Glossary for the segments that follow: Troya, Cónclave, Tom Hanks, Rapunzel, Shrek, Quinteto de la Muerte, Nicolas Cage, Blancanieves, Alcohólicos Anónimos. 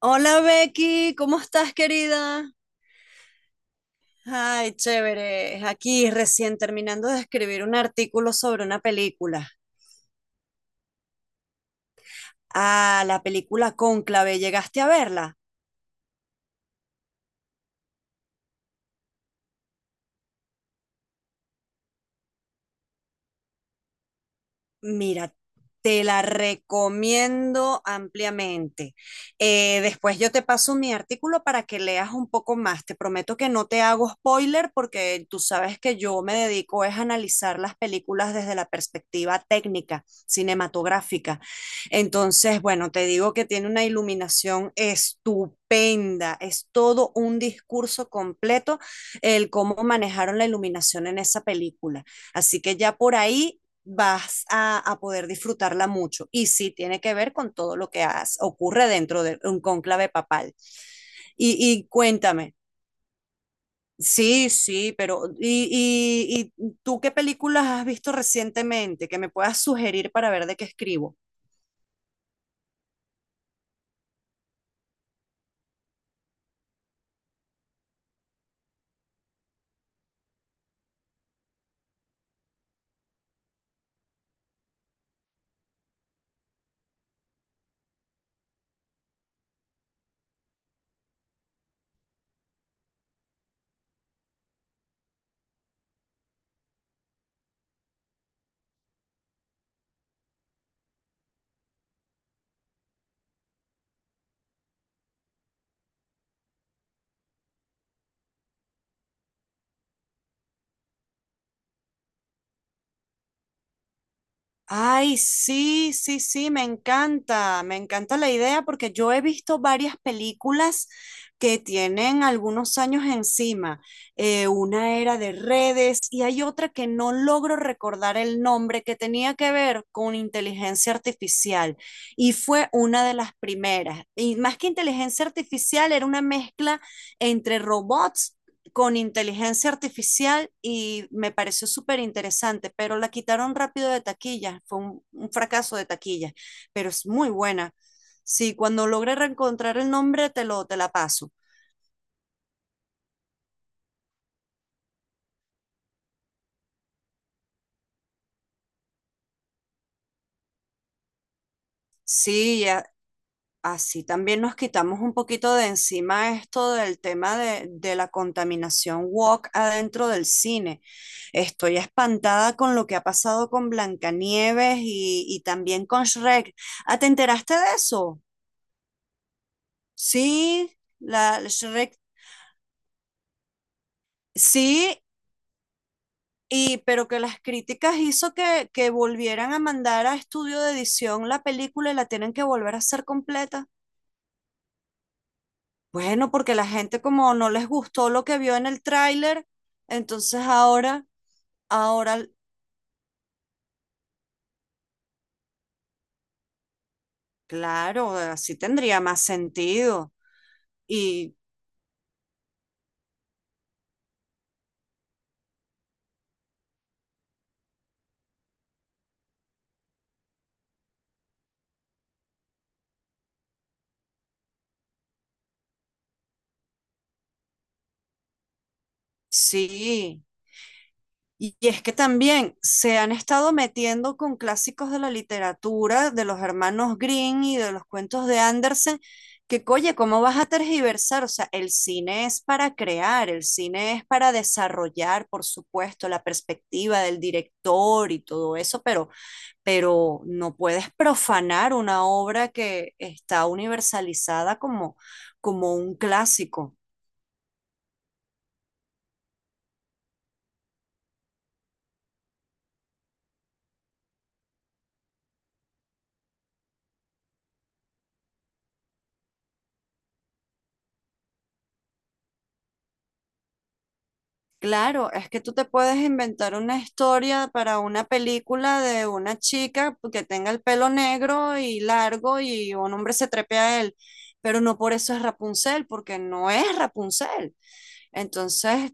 Hola Becky, ¿cómo estás querida? Ay, chévere. Aquí recién terminando de escribir un artículo sobre una película. Ah, la película Cónclave, ¿llegaste a verla? Mira, te la recomiendo ampliamente. Después yo te paso mi artículo para que leas un poco más. Te prometo que no te hago spoiler porque tú sabes que yo me dedico es a analizar las películas desde la perspectiva técnica, cinematográfica. Entonces, bueno, te digo que tiene una iluminación estupenda. Es todo un discurso completo el cómo manejaron la iluminación en esa película. Así que ya por ahí vas a poder disfrutarla mucho. Y sí, tiene que ver con todo lo que has, ocurre dentro de un cónclave papal. Y cuéntame, sí, sí, pero ¿y tú qué películas has visto recientemente que me puedas sugerir para ver de qué escribo? Ay, sí, sí, sí, me encanta la idea porque yo he visto varias películas que tienen algunos años encima. Una era de redes y hay otra que no logro recordar el nombre que tenía que ver con inteligencia artificial y fue una de las primeras. Y más que inteligencia artificial, era una mezcla entre robots con inteligencia artificial y me pareció súper interesante, pero la quitaron rápido de taquilla, fue un fracaso de taquilla, pero es muy buena. Sí, cuando logre reencontrar el nombre te la paso. Sí, a- así también nos quitamos un poquito de encima esto del tema de la contaminación walk adentro del cine. Estoy espantada con lo que ha pasado con Blancanieves y también con Shrek. ¿Ah, te enteraste de eso? Sí, la Shrek, sí, y, pero que las críticas hizo que volvieran a mandar a estudio de edición la película y la tienen que volver a hacer completa. Bueno, porque la gente como no les gustó lo que vio en el tráiler, entonces ahora, ahora, claro, así tendría más sentido. Y sí, y es que también se han estado metiendo con clásicos de la literatura, de los hermanos Green y de los cuentos de Andersen, que, oye, ¿cómo vas a tergiversar? O sea, el cine es para crear, el cine es para desarrollar, por supuesto, la perspectiva del director y todo eso, pero no puedes profanar una obra que está universalizada como, como un clásico. Claro, es que tú te puedes inventar una historia para una película de una chica que tenga el pelo negro y largo y un hombre se trepe a él, pero no por eso es Rapunzel, porque no es Rapunzel. Entonces,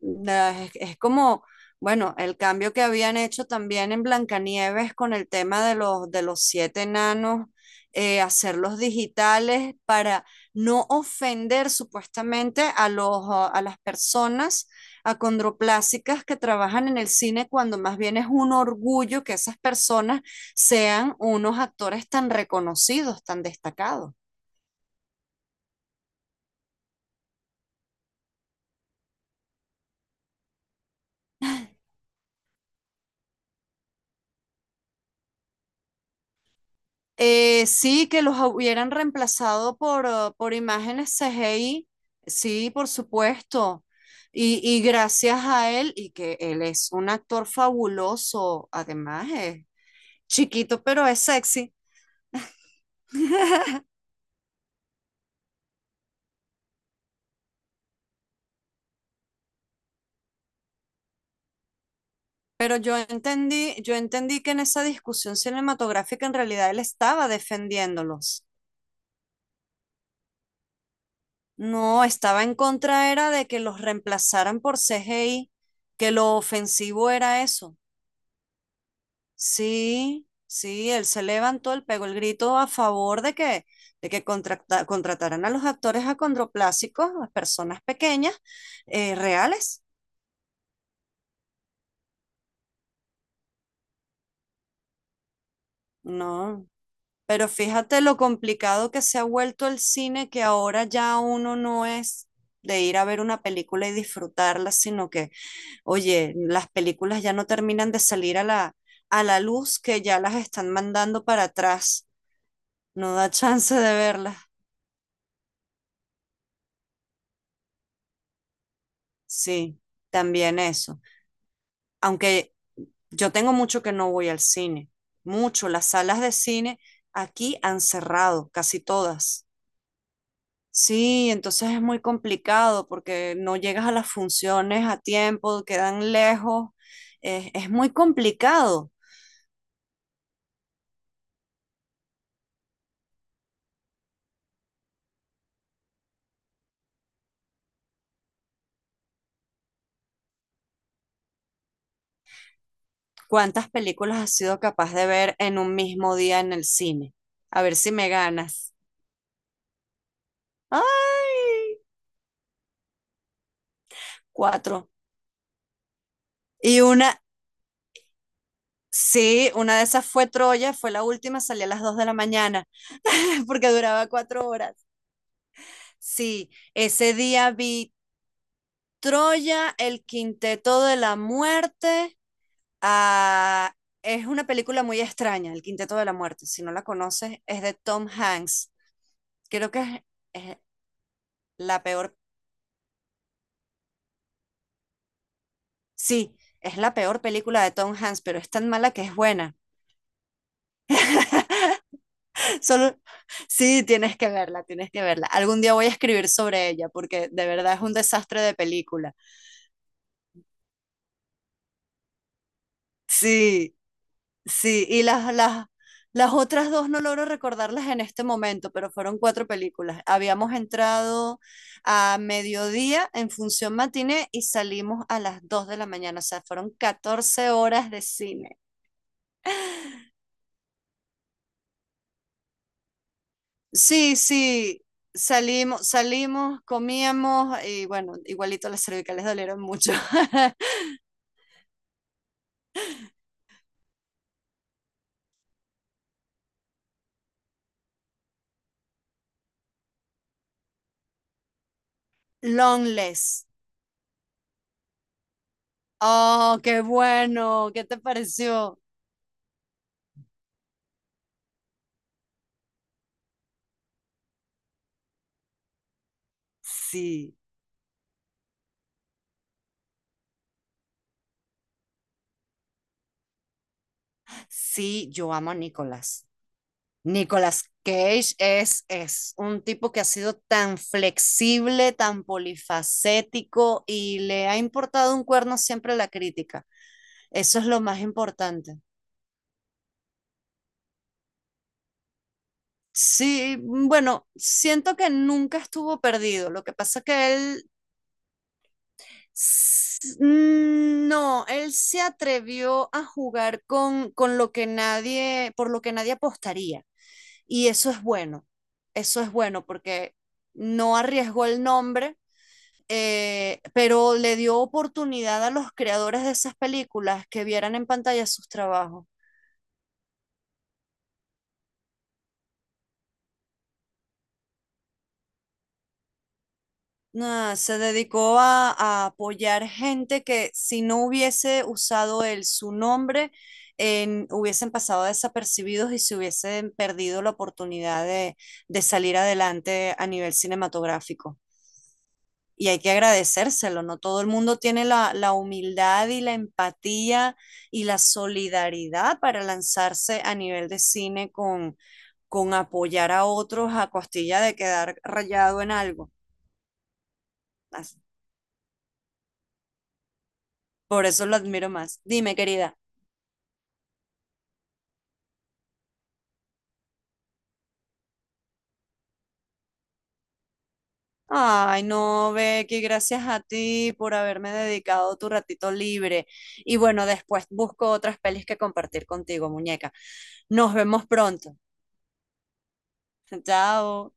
la- es como, bueno, el cambio que habían hecho también en Blancanieves con el tema de de los siete enanos, hacerlos digitales para no ofender supuestamente a los, a las personas acondroplásicas que trabajan en el cine, cuando más bien es un orgullo que esas personas sean unos actores tan reconocidos, tan destacados. Sí, que los hubieran reemplazado por imágenes CGI, sí, por supuesto. Y gracias a él, y que él es un actor fabuloso, además es chiquito, pero es sexy. Yo entendí que en esa discusión cinematográfica en realidad él estaba defendiéndolos. No, estaba en contra era de que los reemplazaran por CGI, que lo ofensivo era eso. Sí, sí, él se levantó, él pegó el grito a favor de que contrata- contrataran a los actores acondroplásicos, a personas pequeñas, reales. No, pero fíjate lo complicado que se ha vuelto el cine, que ahora ya uno no es de ir a ver una película y disfrutarla, sino que, oye, las películas ya no terminan de salir a a la luz, que ya las están mandando para atrás. No da chance de verlas. Sí, también eso. Aunque yo tengo mucho que no voy al cine, mucho. Las salas de cine aquí han cerrado, casi todas. Sí, entonces es muy complicado porque no llegas a las funciones a tiempo, quedan lejos. Es muy complicado. ¿Cuántas películas has sido capaz de ver en un mismo día en el cine? A ver si me ganas. ¡Ay! Cuatro. Y una, sí, una de esas fue Troya, fue la última, salí a las dos de la mañana porque duraba cuatro horas. Sí, ese día vi Troya, el Quinteto de la Muerte. Ah, es una película muy extraña, el Quinteto de la Muerte. Si no la conoces, es de Tom Hanks. Creo que es la peor, sí, es la peor película de Tom Hanks, pero es tan mala que es buena. Solo, sí, tienes que verla, tienes que verla. Algún día voy a escribir sobre ella porque de verdad es un desastre de película. Sí. Sí, y las otras dos no logro recordarlas en este momento, pero fueron cuatro películas. Habíamos entrado a mediodía en función matiné y salimos a las 2 de la mañana, o sea, fueron catorce horas de cine. Sí, sí, salimos, salimos, comíamos y bueno, igualito las cervicales dolieron mucho. Longless. Oh, qué bueno, ¿qué te pareció? Sí, sí, yo amo a Nicolás. Nicolas Cage es un tipo que ha sido tan flexible, tan polifacético y le ha importado un cuerno siempre la crítica. Eso es lo más importante. Sí, mm, bueno, siento que nunca estuvo perdido. Lo que pasa que él s- mm, no, él se atrevió a jugar con lo que nadie, por lo que nadie apostaría. Y eso es bueno. Eso es bueno porque no arriesgó el nombre, pero le dio oportunidad a los creadores de esas películas que vieran en pantalla sus trabajos. Nah, se dedicó a apoyar gente que si no hubiese usado él su nombre, en- hubiesen pasado desapercibidos y se hubiesen perdido la oportunidad de salir adelante a nivel cinematográfico. Y hay que agradecérselo, ¿no? Todo el mundo tiene la humildad y la empatía y la solidaridad para lanzarse a nivel de cine con apoyar a otros a costilla de quedar rayado en algo. Así. Por eso lo admiro más. Dime, querida. Ay, no, Becky, gracias a ti por haberme dedicado tu ratito libre. Y bueno, después busco otras pelis que compartir contigo, muñeca. Nos vemos pronto. Chao.